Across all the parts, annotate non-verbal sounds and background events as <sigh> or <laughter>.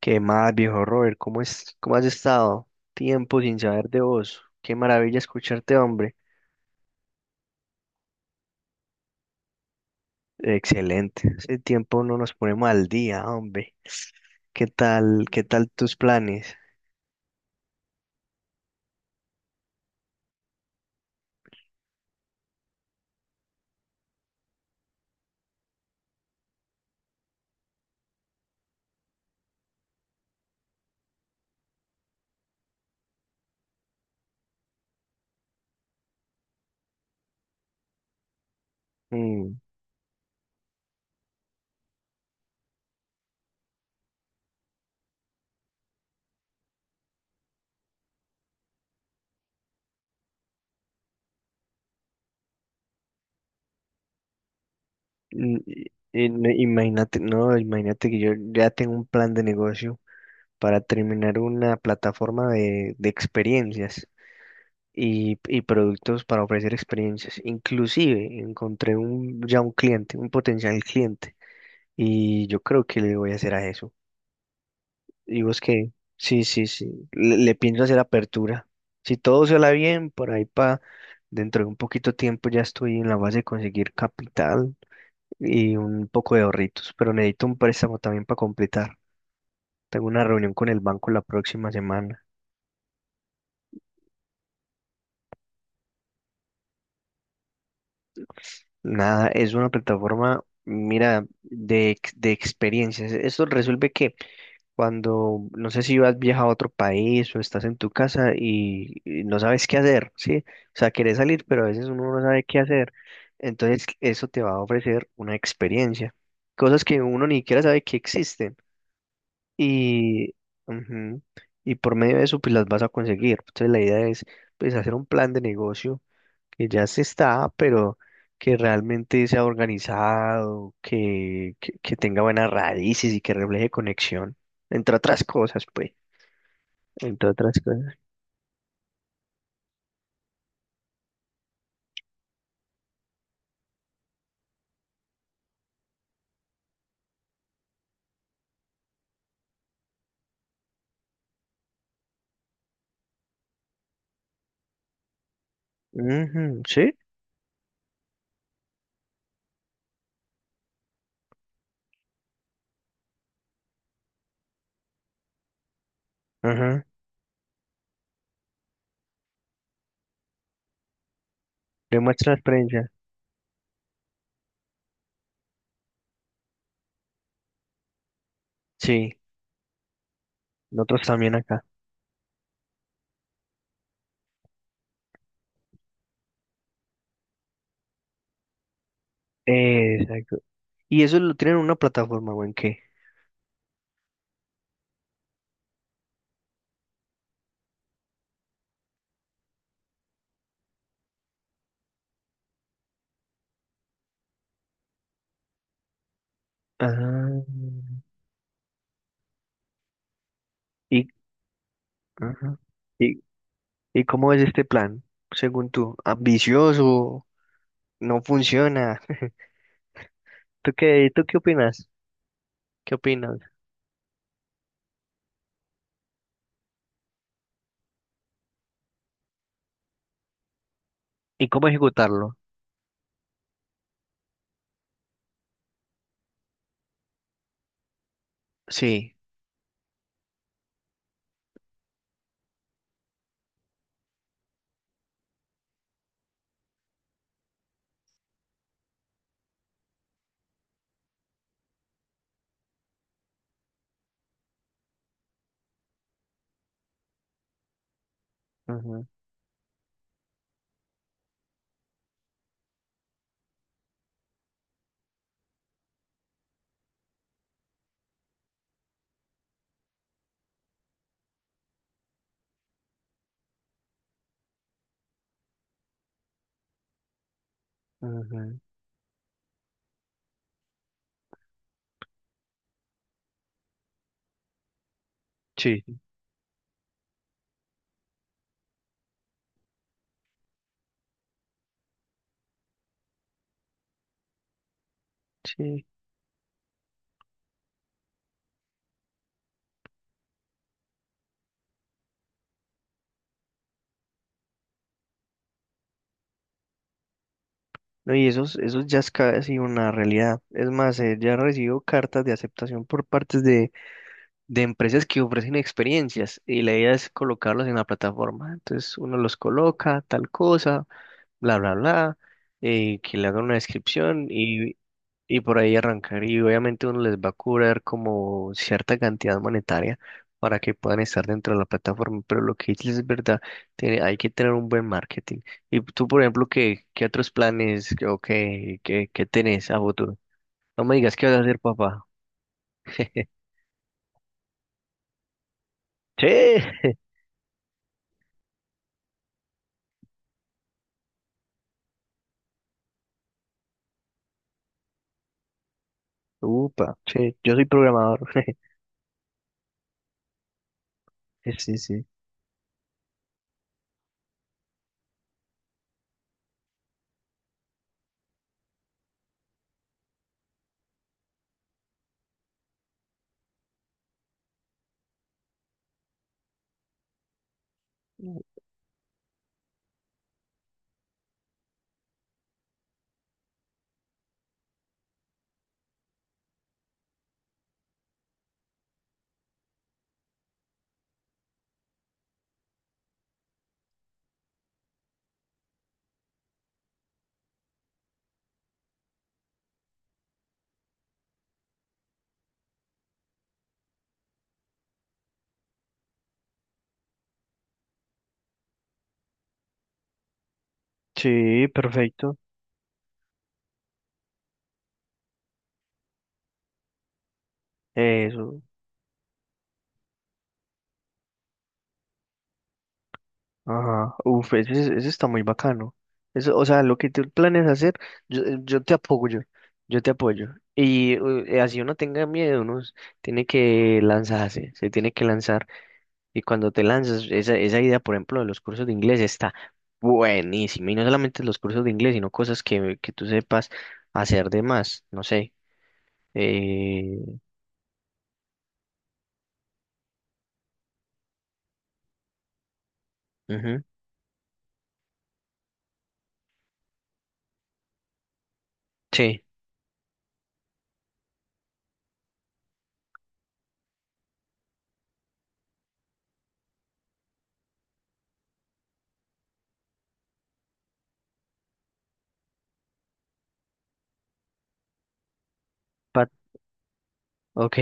¿Qué más, viejo Robert? ¿Cómo es, cómo has estado? Tiempo sin saber de vos. Qué maravilla escucharte, hombre. Excelente. Hace tiempo no nos ponemos al día, hombre. Qué tal tus planes? Mm, mm, y- Imagínate, no, imagínate que yo ya tengo un plan de negocio para terminar una plataforma de experiencias y productos para ofrecer experiencias. Inclusive encontré un, ya un cliente, un potencial cliente. Y yo creo que le voy a hacer a eso. Y vos que, sí, sí, sí, le pienso hacer apertura. Si todo se la bien, por ahí para dentro de un poquito tiempo ya estoy en la base de conseguir capital y un poco de ahorritos, pero necesito un préstamo también para completar. Tengo una reunión con el banco la próxima semana. Nada, es una plataforma, mira, de experiencias. Esto resuelve que cuando no sé si vas viaja a otro país o estás en tu casa y no sabes qué hacer, ¿sí? O sea, querés salir, pero a veces uno no sabe qué hacer. Entonces, eso te va a ofrecer una experiencia, cosas que uno ni siquiera sabe que existen. Y, ujú, y por medio de eso, pues las vas a conseguir. Entonces, la idea es, pues, hacer un plan de negocio que ya se está, pero que realmente sea organizado, que tenga buenas raíces y que refleje conexión, entre otras cosas, pues, entre otras cosas. Ujú, sí, ajá, demuestra la experiencia. Sí, nosotros también acá. Exacto. ¿Y eso lo tienen en una plataforma o en qué? Ah, y, ajá. ¿Y, y cómo es este plan, según tú? ¿Ambicioso? ¿No funciona? <laughs> Tú qué opinas? ¿Qué opinas? ¿Y cómo ejecutarlo? Sí. Ujú, ujú, sí, sí. No, y eso, es- eso ya es casi una realidad. Es más, ya recibo cartas de aceptación por partes de empresas que ofrecen experiencias y la idea es colocarlos en la plataforma. Entonces uno los coloca, tal cosa, bla, bla, bla, que le hagan una descripción y por ahí arrancar. Y obviamente uno les va a cobrar como cierta cantidad monetaria para que puedan estar dentro de la plataforma. Pero lo que dices es verdad, tiene- hay que tener un buen marketing. Y tú, por ejemplo, ¿qué, qué otros planes que- o qué, qué tenés a futuro? No me digas qué vas a hacer, papá. <laughs> Sí. <laughs> Upa, sí yo soy programador. <laughs> Sí, sí. Sí, perfecto. Eso. Ajá, uf, ese, es- ese está muy bacano. Eso, o sea, lo que tú planes hacer, yo, yo te apoyo, yo te apoyo. Y así uno tenga miedo, uno s- tiene que lanzarse, se tiene que lanzar. Y cuando te lanzas, esa idea, por ejemplo, de los cursos de inglés está buenísima. Y no solamente los cursos de inglés, sino cosas que tú sepas hacer de más, no sé. Eh, ujú, sí, pa- ok.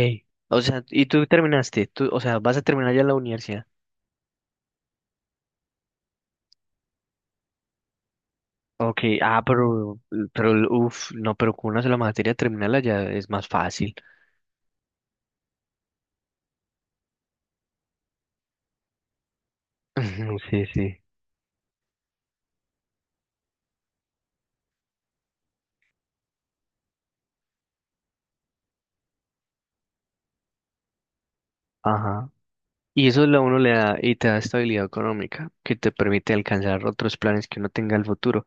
O sea, y tú terminaste, tú, o sea, vas a terminar ya la universidad. Ok, ah, pero, uff, no, pero con una sola materia terminarla ya es más fácil. <laughs> Ujú, sí, sí, ajá. Y eso lo uno le da y te da estabilidad económica que te permite alcanzar otros planes que uno tenga al futuro.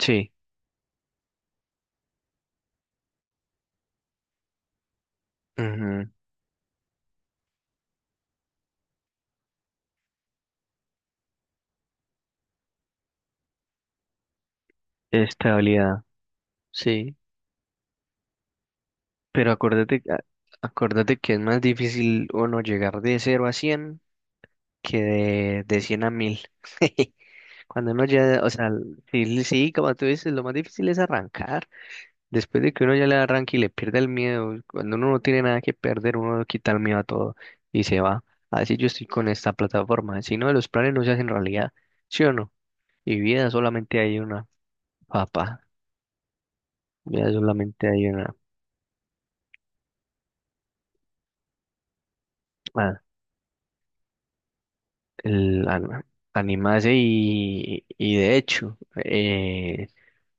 Sí, ujú, estabilidad, sí. Pero acuérdate, a- acuérdate que es más difícil uno llegar de 0 a 100 que de 100 a 1.000. <laughs> Cuando uno ya, o sea, sí, sí, como tú dices, lo más difícil es arrancar. Después de que uno ya le arranque y le pierda el miedo, cuando uno no tiene nada que perder, uno le quita el miedo a todo y se va. Así yo estoy con esta plataforma. Si no, los planes no se hacen realidad, ¿sí o no? Y vida solamente hay una, papá. Vida solamente hay una. Ah, el, an- animarse y de hecho, eh,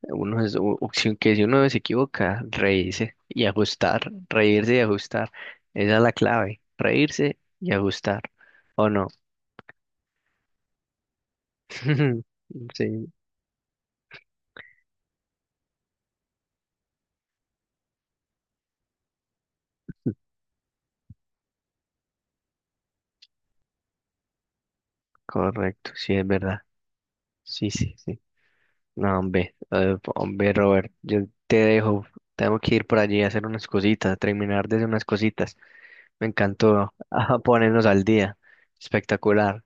uno es, u- u- si- que si uno se equivoca, reírse y ajustar. Reírse y ajustar. Esa es la clave. Reírse y ajustar. ¿O no? <laughs> Sí, correcto, sí, es verdad. Sí, sí, sí. No, hombre, hombre, Robert, yo te dejo. Tengo que ir por allí a hacer unas cositas, terminar de hacer unas cositas. Me encantó <laughs> ah, ponernos al día. Espectacular.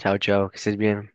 Chao, chao, que estés bien.